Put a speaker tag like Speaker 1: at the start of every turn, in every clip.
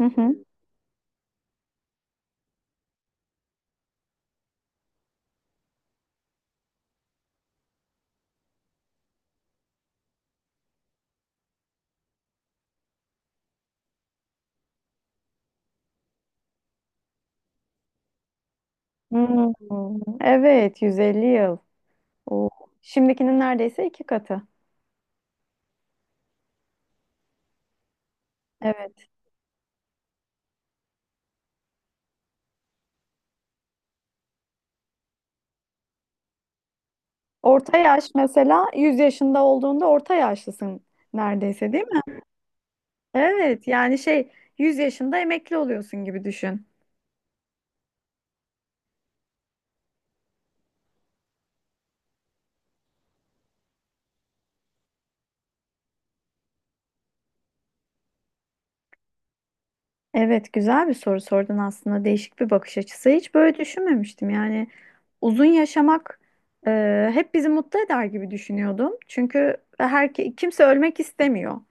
Speaker 1: Hı hı. Hmm, evet, 150 yıl. Oo. Şimdikinin neredeyse iki katı. Evet. Orta yaş mesela 100 yaşında olduğunda orta yaşlısın neredeyse, değil mi? Evet, yani şey, 100 yaşında emekli oluyorsun gibi düşün. Evet, güzel bir soru sordun aslında. Değişik bir bakış açısı. Hiç böyle düşünmemiştim. Yani uzun yaşamak hep bizi mutlu eder gibi düşünüyordum. Çünkü her kimse ölmek istemiyor.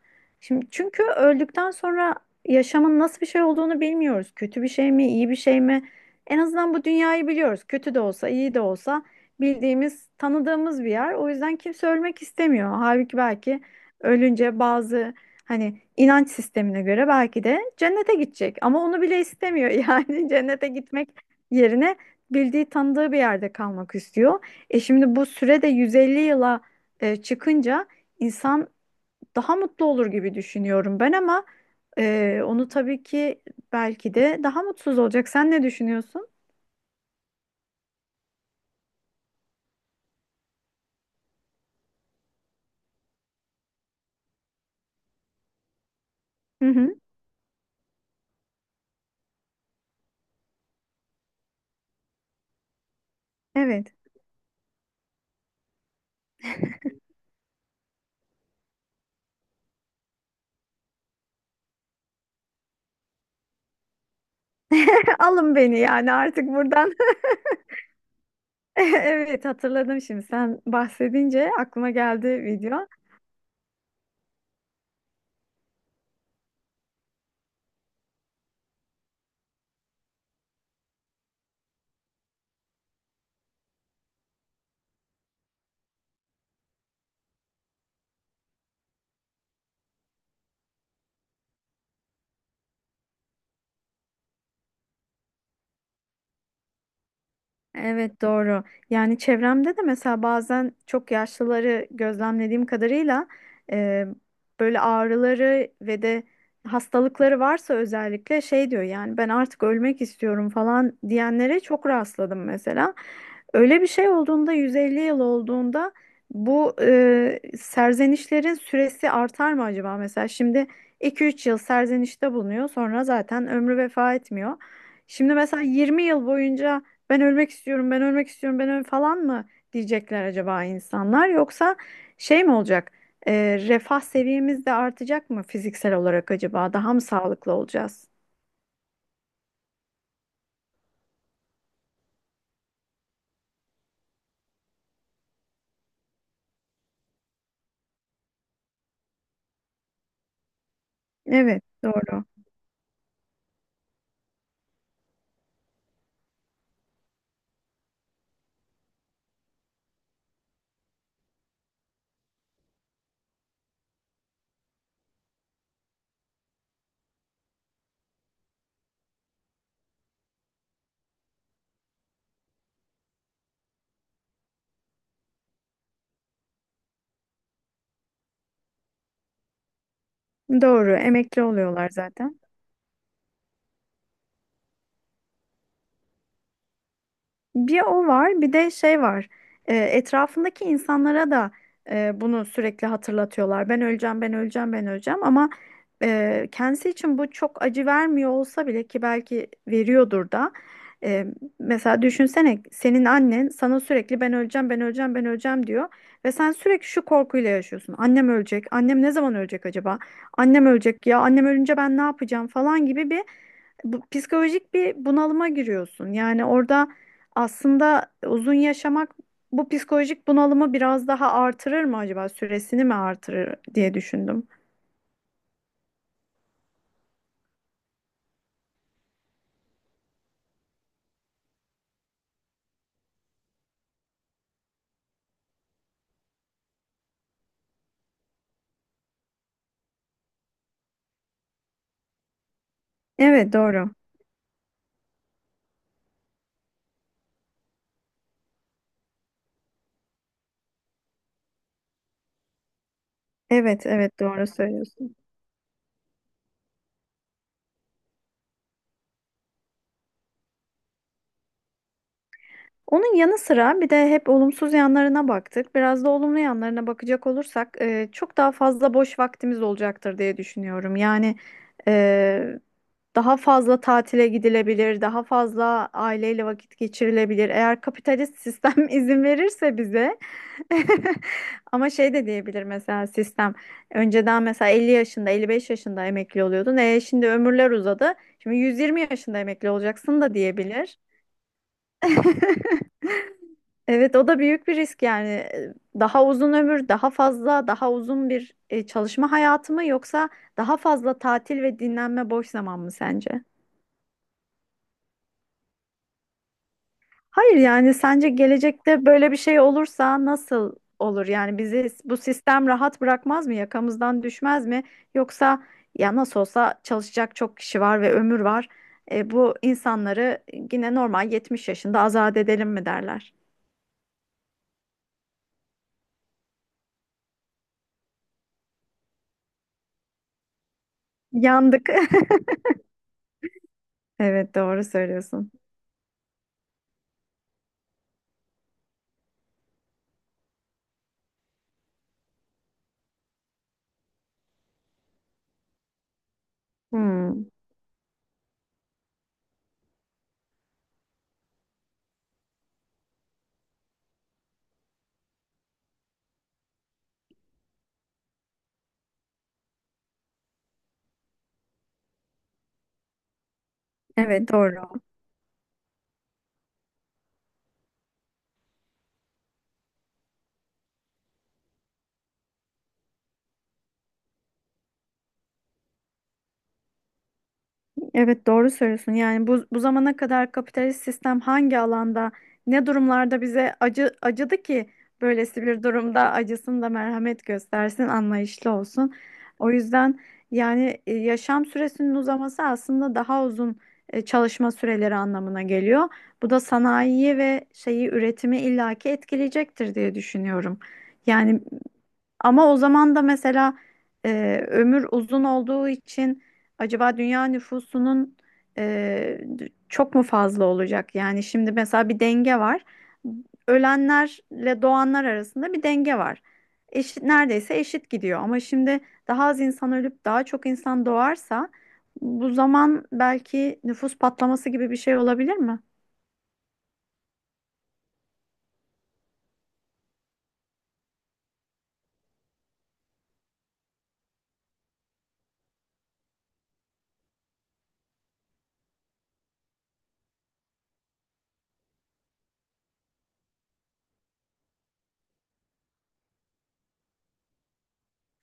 Speaker 1: Şimdi çünkü öldükten sonra yaşamın nasıl bir şey olduğunu bilmiyoruz. Kötü bir şey mi, iyi bir şey mi? En azından bu dünyayı biliyoruz. Kötü de olsa, iyi de olsa bildiğimiz, tanıdığımız bir yer. O yüzden kimse ölmek istemiyor. Halbuki belki ölünce bazı, hani inanç sistemine göre belki de cennete gidecek ama onu bile istemiyor. Yani cennete gitmek yerine bildiği tanıdığı bir yerde kalmak istiyor. E şimdi bu süre de 150 yıla çıkınca insan daha mutlu olur gibi düşünüyorum ben ama onu tabii ki belki de daha mutsuz olacak. Sen ne düşünüyorsun? Hı hı, evet. Alın beni yani artık buradan. Evet, hatırladım şimdi sen bahsedince aklıma geldi video. Evet, doğru. Yani çevremde de mesela bazen çok yaşlıları gözlemlediğim kadarıyla e, böyle ağrıları ve de hastalıkları varsa özellikle şey diyor, yani ben artık ölmek istiyorum falan diyenlere çok rastladım mesela. Öyle bir şey olduğunda 150 yıl olduğunda bu serzenişlerin süresi artar mı acaba mesela? Şimdi iki üç yıl serzenişte bulunuyor, sonra zaten ömrü vefa etmiyor. Şimdi mesela 20 yıl boyunca ben ölmek istiyorum, ben ölmek istiyorum, ben öl falan mı diyecekler acaba insanlar? Yoksa şey mi olacak? Ee, Refah seviyemiz de artacak mı fiziksel olarak acaba? Daha mı sağlıklı olacağız? Evet, doğru. Doğru, emekli oluyorlar zaten. Bir o var, bir de şey var. Etrafındaki insanlara da bunu sürekli hatırlatıyorlar. Ben öleceğim, ben öleceğim, ben öleceğim. Ama kendisi için bu çok acı vermiyor olsa bile ki belki veriyordur da. E, Mesela düşünsene, senin annen sana sürekli ben öleceğim, ben öleceğim, ben öleceğim diyor. Ve sen sürekli şu korkuyla yaşıyorsun. Annem ölecek, annem ne zaman ölecek acaba? Annem ölecek ya, annem ölünce ben ne yapacağım falan gibi bu, psikolojik bir bunalıma giriyorsun. Yani orada aslında uzun yaşamak bu psikolojik bunalımı biraz daha artırır mı acaba? Süresini mi artırır diye düşündüm. Evet, doğru. Evet, evet, doğru söylüyorsun. Onun yanı sıra bir de hep olumsuz yanlarına baktık. Biraz da olumlu yanlarına bakacak olursak çok daha fazla boş vaktimiz olacaktır diye düşünüyorum. Yani e, daha fazla tatile gidilebilir, daha fazla aileyle vakit geçirilebilir. Eğer kapitalist sistem izin verirse bize. Ama şey de diyebilir mesela sistem. Önceden mesela 50 yaşında, 55 yaşında emekli oluyordun. E şimdi ömürler uzadı. Şimdi 120 yaşında emekli olacaksın da diyebilir. Evet, o da büyük bir risk yani. Daha uzun ömür, daha fazla, daha uzun bir çalışma hayatı mı, yoksa daha fazla tatil ve dinlenme, boş zaman mı sence? Hayır, yani sence gelecekte böyle bir şey olursa nasıl olur? Yani bizi bu sistem rahat bırakmaz mı? Yakamızdan düşmez mi? Yoksa ya nasıl olsa çalışacak çok kişi var ve ömür var. Bu insanları yine normal 70 yaşında azat edelim mi derler? Yandık. Evet, doğru söylüyorsun. Hmm. Evet, doğru. Evet, doğru söylüyorsun. Yani bu zamana kadar kapitalist sistem hangi alanda, ne durumlarda bize acı acıdı ki böylesi bir durumda acısın da merhamet göstersin, anlayışlı olsun. O yüzden yani yaşam süresinin uzaması aslında daha uzun çalışma süreleri anlamına geliyor. Bu da sanayiyi ve şeyi üretimi illaki etkileyecektir diye düşünüyorum. Yani ama o zaman da mesela e, ömür uzun olduğu için acaba dünya nüfusunun e, çok mu fazla olacak? Yani şimdi mesela bir denge var. Ölenlerle doğanlar arasında bir denge var. Eşit, neredeyse eşit gidiyor. Ama şimdi daha az insan ölüp daha çok insan doğarsa bu zaman belki nüfus patlaması gibi bir şey olabilir mi?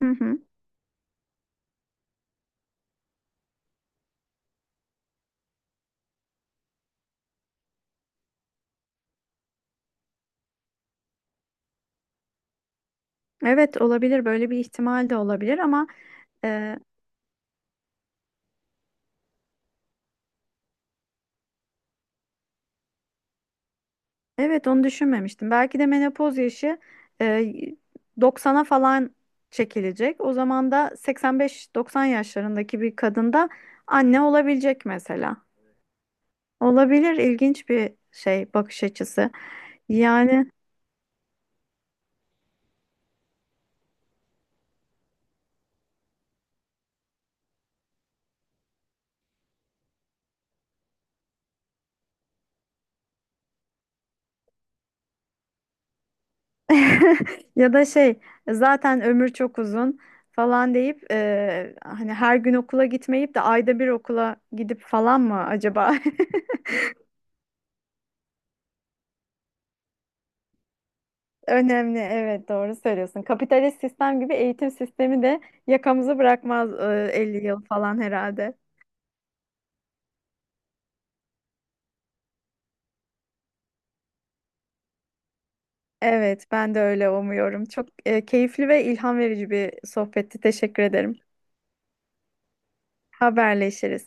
Speaker 1: Hı hı. Evet, olabilir. Böyle bir ihtimal de olabilir ama e, evet, onu düşünmemiştim. Belki de menopoz yaşı e, 90'a falan çekilecek. O zaman da 85-90 yaşlarındaki bir kadında anne olabilecek mesela. Olabilir, ilginç bir şey bakış açısı. Yani ya da şey, zaten ömür çok uzun falan deyip hani her gün okula gitmeyip de ayda bir okula gidip falan mı acaba? Önemli, evet, doğru söylüyorsun. Kapitalist sistem gibi eğitim sistemi de yakamızı bırakmaz 50 yıl falan herhalde. Evet, ben de öyle umuyorum. Çok keyifli ve ilham verici bir sohbetti. Teşekkür ederim. Haberleşiriz.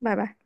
Speaker 1: Bay bay.